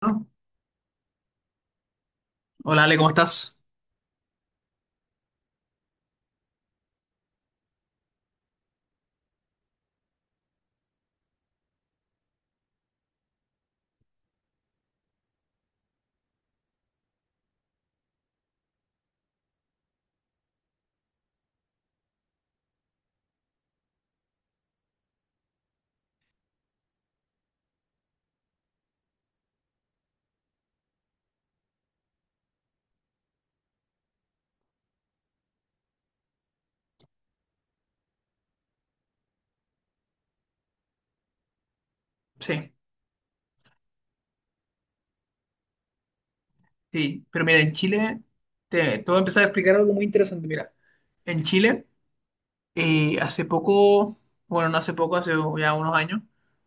¿No? Hola Ale, ¿cómo estás? Sí, sí, pero mira, en Chile te voy a empezar a explicar algo muy interesante. Mira, en Chile, hace poco, bueno, no hace poco, hace ya unos años,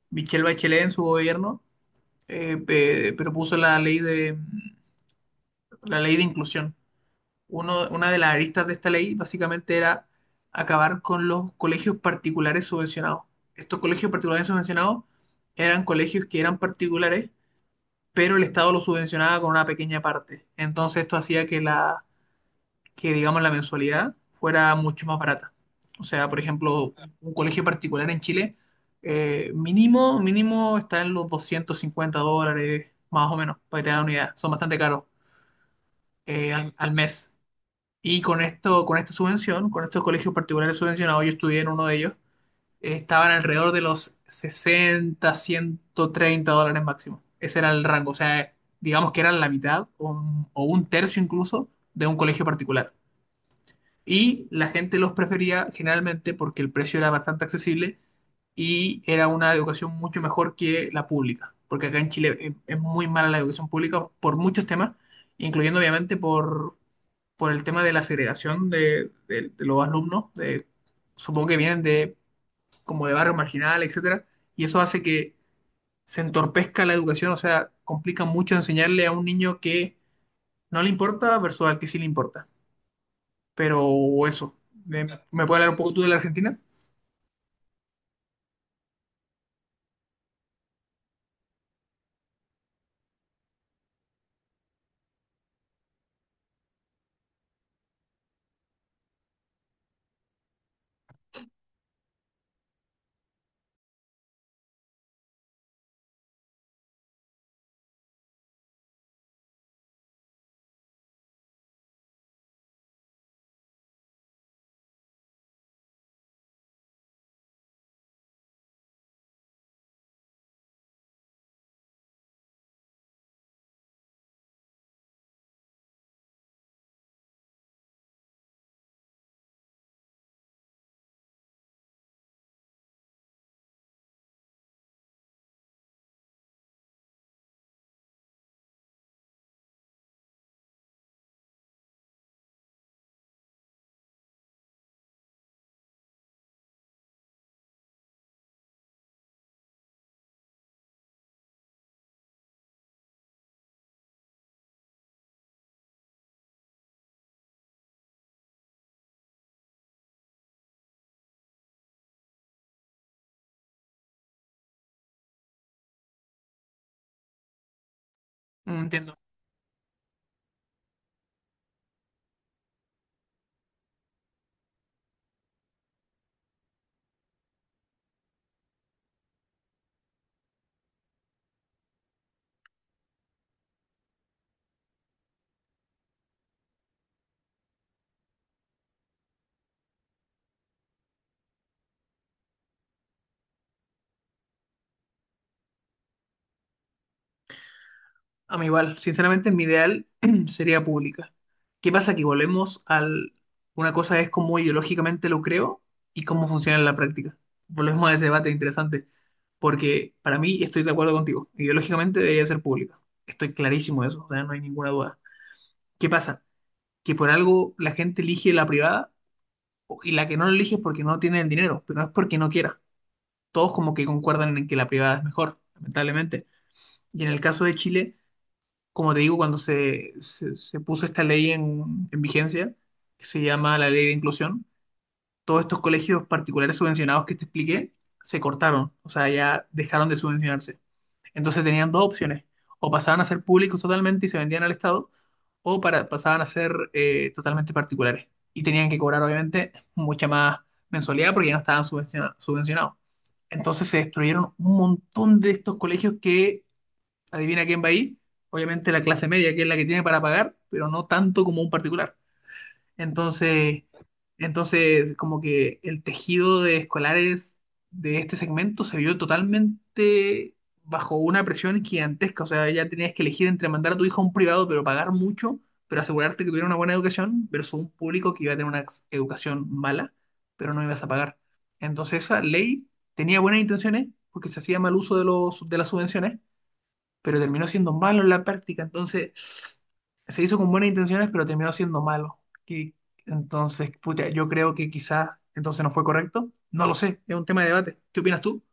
Michelle Bachelet en su gobierno propuso la la ley de inclusión. Una de las aristas de esta ley básicamente era acabar con los colegios particulares subvencionados. Estos colegios particulares subvencionados eran colegios que eran particulares, pero el Estado lo subvencionaba con una pequeña parte. Entonces esto hacía que, digamos, la mensualidad fuera mucho más barata. O sea, por ejemplo, un colegio particular en Chile, mínimo, mínimo está en los $250, más o menos, para que te hagan una idea. Son bastante caros al mes. Y con esto, con esta subvención, con estos colegios particulares subvencionados, yo estudié en uno de ellos, estaban alrededor de los 60, $130 máximo. Ese era el rango, o sea, digamos que eran la mitad o o un tercio incluso de un colegio particular. Y la gente los prefería generalmente porque el precio era bastante accesible y era una educación mucho mejor que la pública, porque acá en Chile es muy mala la educación pública por muchos temas, incluyendo obviamente por el tema de la segregación de los alumnos, de- supongo que vienen de como de barrio marginal, etcétera, y eso hace que se entorpezca la educación. O sea, complica mucho enseñarle a un niño que no le importa versus al que sí le importa. Pero eso, me puedes hablar un poco tú de la Argentina? No entiendo. A mí igual, sinceramente mi ideal sería pública. ¿Qué pasa? Que volvemos al... Una cosa es cómo ideológicamente lo creo y cómo funciona en la práctica. Volvemos a ese debate interesante, porque para mí estoy de acuerdo contigo. Ideológicamente debería ser pública. Estoy clarísimo de eso, o sea, no hay ninguna duda. ¿Qué pasa? Que por algo la gente elige la privada o- y la que no la elige es porque no tiene el dinero, pero no es porque no quiera. Todos como que concuerdan en que la privada es mejor, lamentablemente. Y en el caso de Chile, como te digo, cuando se puso esta ley en vigencia, que se llama la ley de inclusión, todos estos colegios particulares subvencionados que te expliqué se cortaron, o sea, ya dejaron de subvencionarse. Entonces tenían dos opciones: o pasaban a ser públicos totalmente y se vendían al Estado, o pasaban a ser totalmente particulares. Y tenían que cobrar, obviamente, mucha más mensualidad porque ya no estaban subvenciona- subvencionados. Entonces se destruyeron un montón de estos colegios que, adivina quién va ahí, obviamente la clase media, que es la que tiene para pagar, pero no tanto como un particular. Entonces, entonces, como que el tejido de escolares de este segmento se vio totalmente bajo una presión gigantesca. O sea, ya tenías que elegir entre mandar a tu hijo a un privado, pero pagar mucho, pero asegurarte que tuviera una buena educación, versus un público que iba a tener una ex- educación mala, pero no ibas a pagar. Entonces, esa ley tenía buenas intenciones porque se hacía mal uso de las subvenciones, pero terminó siendo malo en la práctica. Entonces, se hizo con buenas intenciones, pero terminó siendo malo. Y entonces, puta, yo creo que quizás entonces no fue correcto. No lo sé, es un tema de debate. ¿Qué opinas tú?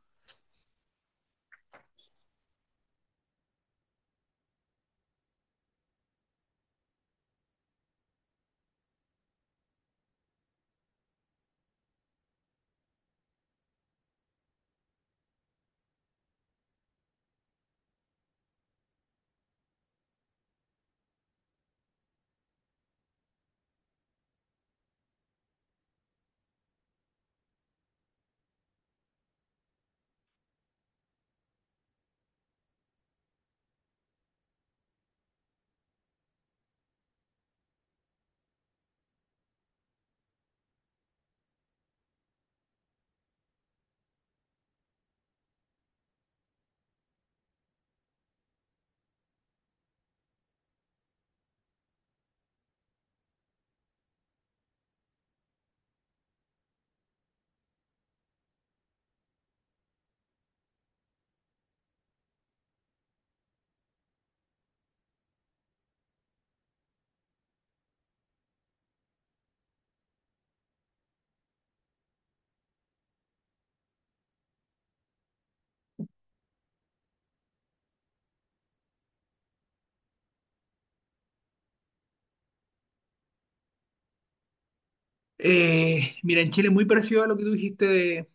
Mira, en Chile es muy parecido a lo que tú dijiste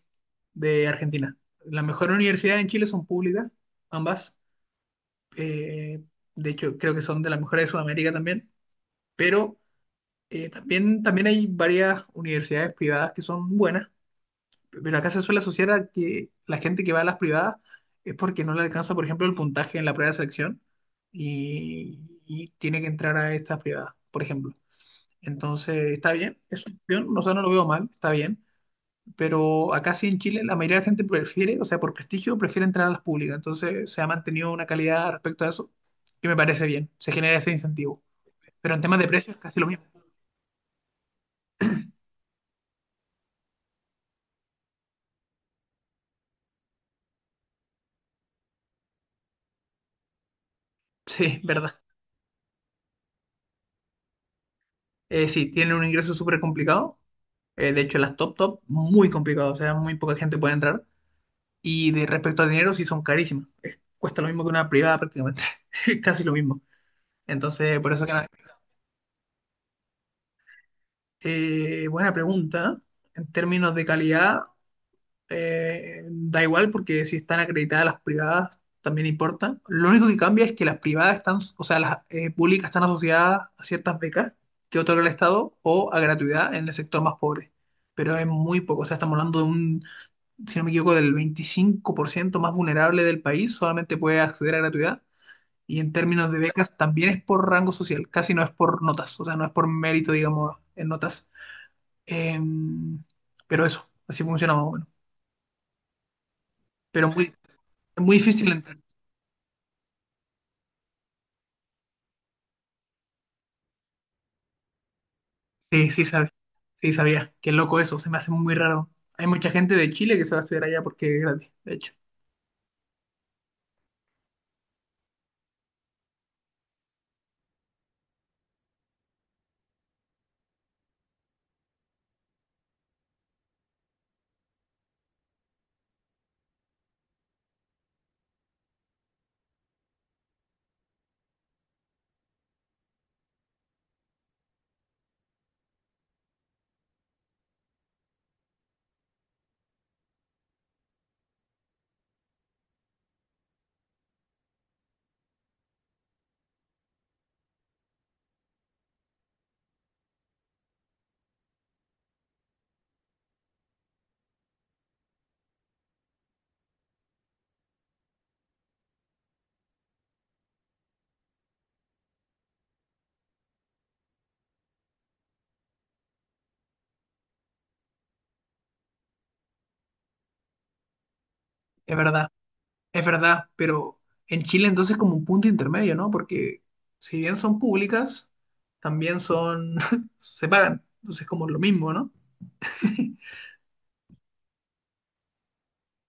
de Argentina. Las mejores universidades en Chile son públicas, ambas. Eh, de hecho, creo que son de las mejores de Sudamérica también. Pero también hay varias universidades privadas que son buenas. Pero acá se suele asociar a que la gente que va a las privadas es porque no le alcanza, por ejemplo, el puntaje en la prueba de selección y tiene que entrar a estas privadas, por ejemplo. Entonces, está bien, es una opción, o sea, no lo veo mal, está bien. Pero acá sí en Chile la mayoría de la gente prefiere, o sea, por prestigio, prefiere entrar a las públicas. Entonces, se ha mantenido una calidad respecto a eso que me parece bien, se genera ese incentivo. Pero en temas de precios es casi lo mismo. Sí, verdad. Sí, tienen un ingreso súper complicado. De hecho, las top top, muy complicado. O sea, muy poca gente puede entrar. Y de respecto a dinero, sí son carísimas. Cuesta lo mismo que una privada prácticamente. Casi lo mismo. Entonces, por eso que... nada. Buena pregunta. En términos de calidad, da igual porque si están acreditadas las privadas también importa. Lo único que cambia es que las privadas están, o sea, las públicas están asociadas a ciertas becas que otorga el Estado o a gratuidad en el sector más pobre. Pero es muy poco, o sea, estamos hablando de un, si no me equivoco, del 25% más vulnerable del país, solamente puede acceder a gratuidad. Y en términos de becas también es por rango social, casi no es por notas, o sea, no es por mérito, digamos, en notas. Em, pero eso, así funciona más o menos. Pero muy, muy difícil entender. Sí, sí sabía. Sí sabía. Qué loco eso. Se me hace muy raro. Hay mucha gente de Chile que se va a estudiar allá porque es gratis, de hecho. Es verdad. Es verdad. Pero en Chile entonces como un punto intermedio, ¿no? Porque si bien son públicas, también son... se pagan. Entonces como lo mismo, ¿no?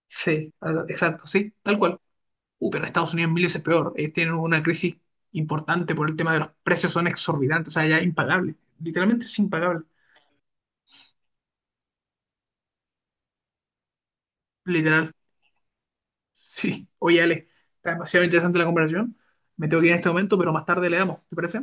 Sí, ah, exacto, sí, tal cual. Pero en Estados Unidos mil veces peor. Ellos tienen una crisis importante por el tema de los precios, son exorbitantes, o sea, ya impagable. Literalmente es impagable. Literal. Sí, oye Ale, está demasiado interesante la conversación. Me tengo que ir en este momento, pero más tarde le damos, ¿te parece?